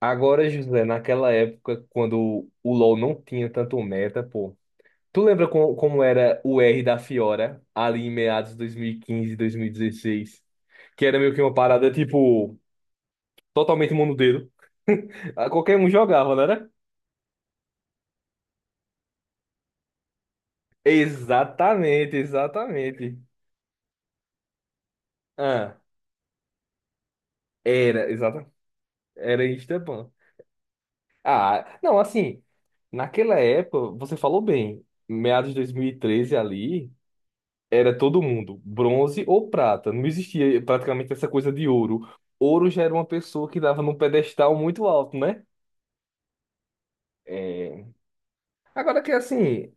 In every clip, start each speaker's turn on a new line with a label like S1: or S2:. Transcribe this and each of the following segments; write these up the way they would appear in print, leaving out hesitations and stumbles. S1: Agora, José, naquela época, quando o LoL não tinha tanto meta, pô. Tu lembra como era o R da Fiora, ali em meados de 2015, 2016? Que era meio que uma parada, tipo, totalmente monodedo. Ah, qualquer um jogava, não era? Exatamente, exatamente. Ah, era, era Instaban. Ah, não, assim, naquela época, você falou bem, meados de 2013 ali. Era todo mundo, bronze ou prata. Não existia praticamente essa coisa de ouro. Ouro já era uma pessoa que dava num pedestal muito alto, né? É, agora que assim,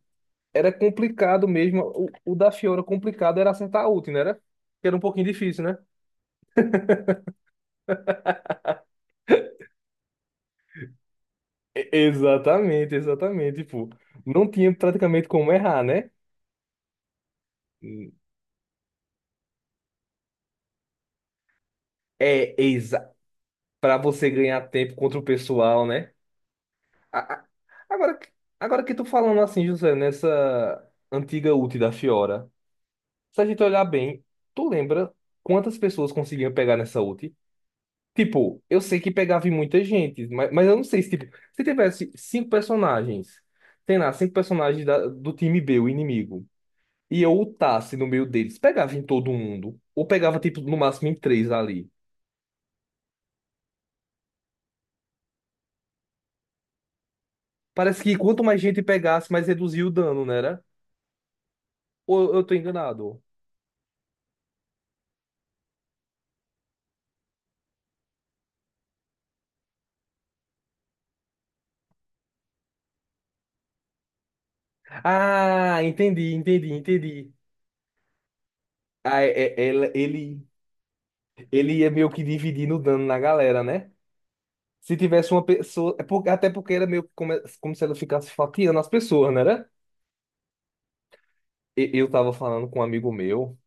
S1: era complicado mesmo. O da Fiora complicado era acertar a ult, né? Que era um pouquinho difícil, né? Exatamente, exatamente. Tipo, não tinha praticamente como errar, né? É, exa para você ganhar tempo contra o pessoal, né? A- a- Agora, agora que tu falando assim, José, nessa antiga ult da Fiora. Se a gente olhar bem, tu lembra quantas pessoas conseguiam pegar nessa ult? Tipo, eu sei que pegava em muita gente, mas eu não sei se, tipo, se tivesse cinco personagens, tem lá, cinco personagens do time B, o inimigo, e eu ultasse no meio deles, pegava em todo mundo, ou pegava, tipo, no máximo em três ali. Parece que quanto mais gente pegasse, mais reduzia o dano, não era? Ou eu tô enganado? Ah, entendi, entendi, entendi. Ah, é- ele, ele ele ia meio que dividindo o dano na galera, né? Se tivesse uma pessoa. Até porque era meio que como, como se ela ficasse fatiando as pessoas, né? Era? Eu tava falando com um amigo meu,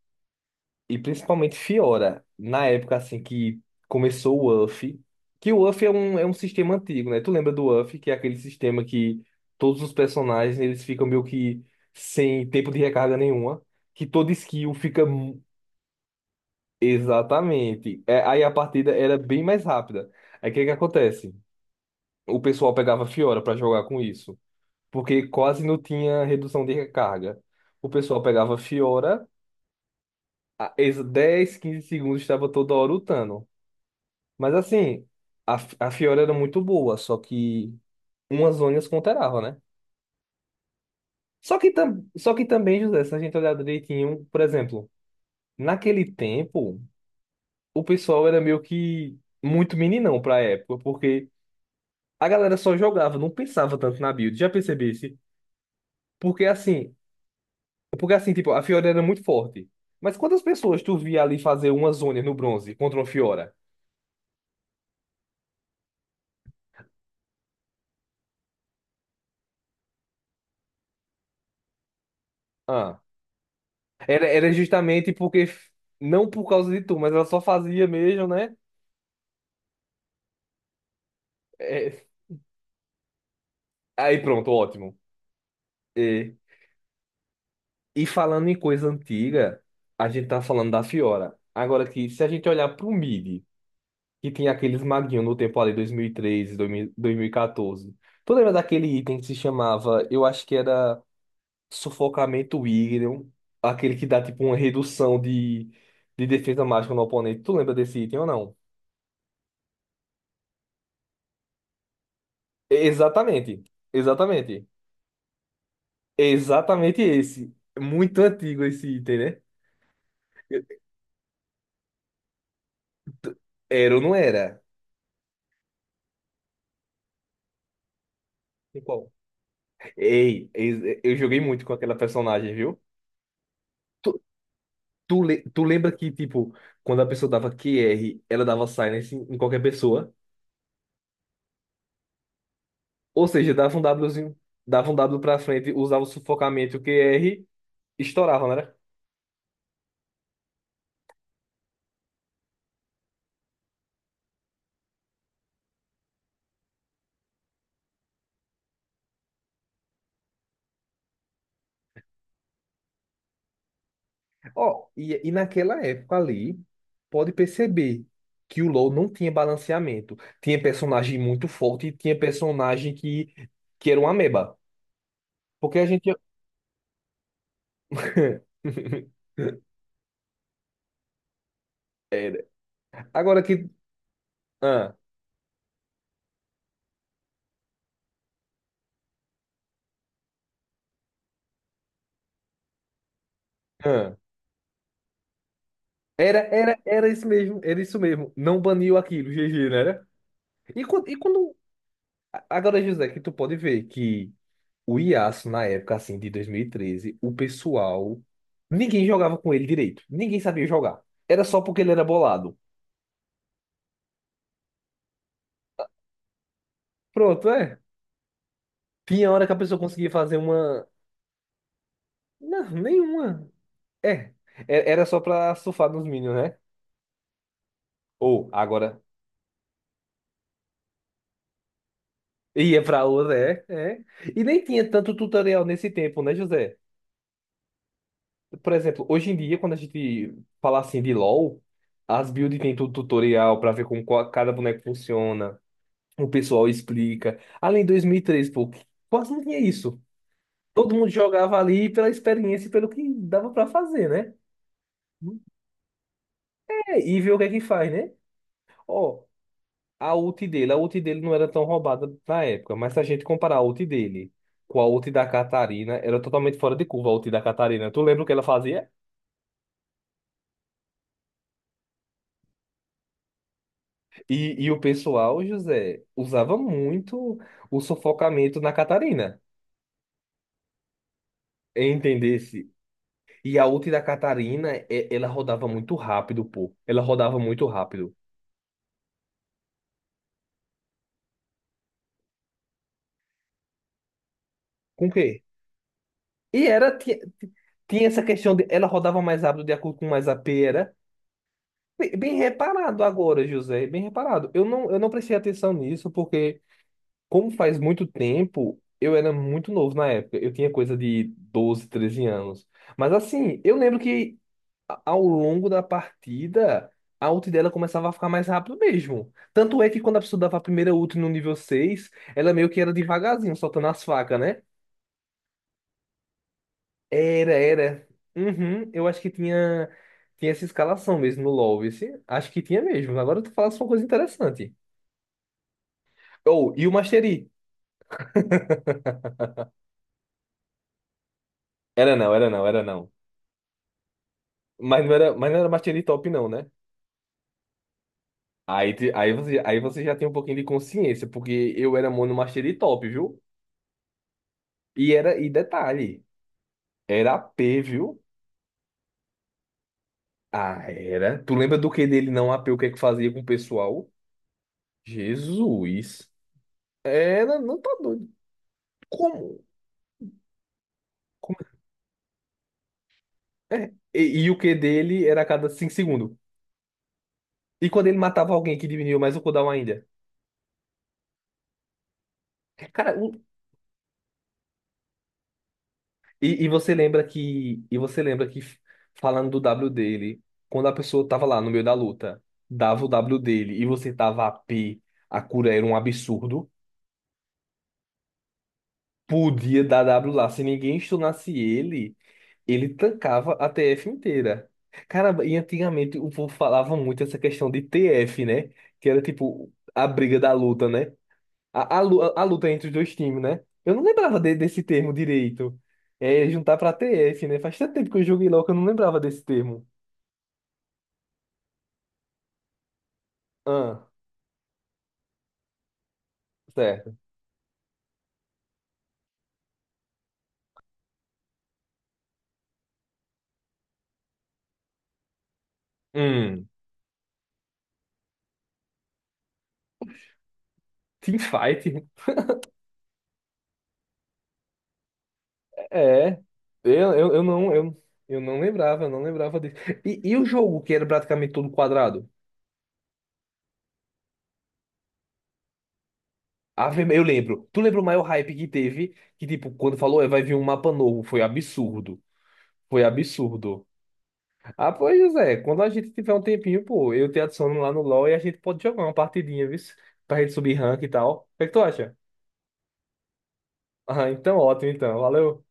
S1: e principalmente Fiora, na época assim que começou o UF, que o UF é um sistema antigo, né? Tu lembra do UF, que é aquele sistema que todos os personagens eles ficam meio que sem tempo de recarga nenhuma, que toda skill fica. Exatamente. É, aí a partida era bem mais rápida. Aí o que que acontece? O pessoal pegava Fiora pra jogar com isso, porque quase não tinha redução de recarga. O pessoal pegava Fiora, 10, 15 segundos estava toda hora lutando. Mas assim, a Fiora era muito boa, só que umas zonas counterava, né? Só que também, José, se a gente olhar direitinho, por exemplo, naquele tempo, o pessoal era meio que muito meninão pra época, porque a galera só jogava, não pensava tanto na build, já percebesse? Porque assim, Porque assim, tipo, a Fiora era muito forte. Mas quantas pessoas tu via ali fazer uma zona no bronze contra uma Fiora? Ah, era justamente porque. Não por causa de tu, mas ela só fazia mesmo, né? É, aí pronto, ótimo. É, e falando em coisa antiga, a gente tá falando da Fiora. Agora que se a gente olhar pro mid, que tinha aqueles maguinhos no tempo ali, 2013, 2000 2014. Tu lembra daquele item que se chamava, eu acho que era. Sufocamento William, aquele que dá tipo uma redução de defesa mágica no oponente. Tu lembra desse item ou não? Exatamente, exatamente. Exatamente esse. Muito antigo esse item, né? Era ou não era? E qual? Ei, eu joguei muito com aquela personagem, viu? Tu, tu lembra que, tipo, quando a pessoa dava QR, ela dava silence em qualquer pessoa? Ou seja, dava um Wzinho, dava um W pra frente, usava o sufocamento, o QR, estourava, né? Ó, e naquela época ali, pode perceber que o LoL não tinha balanceamento. Tinha personagem muito forte e tinha personagem que era uma ameba. Porque a gente. Era. Agora que. Ah, ah. Era isso mesmo, era isso mesmo. Não baniu aquilo, GG, né? Era? E quando. Agora, José, que tu pode ver que o Yasuo, na época assim, de 2013 o pessoal. Ninguém jogava com ele direito. Ninguém sabia jogar. Era só porque ele era bolado. Pronto, é. Tinha hora que a pessoa conseguia fazer uma. Não, nenhuma. É. Era só pra surfar nos Minions, né? Ou, agora. Ia pra outra, é, é. E nem tinha tanto tutorial nesse tempo, né, José? Por exemplo, hoje em dia, quando a gente fala assim de LoL, as builds tem tudo tutorial pra ver como cada boneco funciona. O pessoal explica. Além de 2003, pô, quase não tinha isso. Todo mundo jogava ali pela experiência e pelo que dava pra fazer, né? É, e ver o que é que faz, né? Ó, a ult dele não era tão roubada na época, mas se a gente comparar a ult dele com a ult da Catarina, era totalmente fora de curva a ult da Catarina. Tu lembra o que ela fazia? E o pessoal, José, usava muito o sufocamento na Catarina, entendesse? E a ult da Catarina, ela rodava muito rápido, pô. Ela rodava muito rápido. Com o quê? E era, tinha, tinha essa questão de, ela rodava mais rápido de acordo com mais a AP. Bem reparado agora, José, bem reparado. Eu não prestei atenção nisso porque, como faz muito tempo, eu era muito novo na época. Eu tinha coisa de 12, 13 anos. Mas assim, eu lembro que ao longo da partida, a ult dela começava a ficar mais rápido mesmo. Tanto é que quando a pessoa dava a primeira ult no nível 6 ela meio que era devagarzinho, soltando as facas, né? Era, era. Uhum, eu acho que tinha essa escalação mesmo no LoL. Acho que tinha mesmo. Agora tu falasse uma coisa interessante. Ou, e o Master Yi? Era não, era não, era não. Mas não era Master Yi top, não, né? Aí você já tem um pouquinho de consciência, porque eu era mono Master Yi top, viu? E era, e detalhe, era A p, viu? Ah, era. Tu lembra do que dele não AP, o que é que fazia com o pessoal? Jesus. Era, não tá doido. Como? Como? É. E o que dele era a cada 5 segundos. E quando ele matava alguém que diminuiu mais o cooldown ainda? Cara, E você lembra que falando do W dele, quando a pessoa tava lá no meio da luta, dava o W dele e você tava a P, a cura era um absurdo, podia dar W lá. Se ninguém stunasse ele, ele tancava a TF inteira. Caramba, e antigamente o povo falava muito essa questão de TF, né? Que era tipo a briga da luta, né? A luta entre os dois times, né? Eu não lembrava desse termo direito. É juntar pra TF, né? Faz tanto tempo que eu joguei LoL que eu não lembrava desse termo. Ah, certo. Hum, teamfight. É. Eu não lembrava disso. E o jogo que era praticamente todo quadrado? Eu lembro. Tu lembra o maior hype que teve? Que, tipo, quando falou, "É, vai vir um mapa novo", foi absurdo. Foi absurdo. Ah, pois, José, quando a gente tiver um tempinho, pô, eu te adiciono lá no LoL e a gente pode jogar uma partidinha, viu? Pra gente subir rank e tal. O que é que tu acha? Ah, então ótimo, então. Valeu.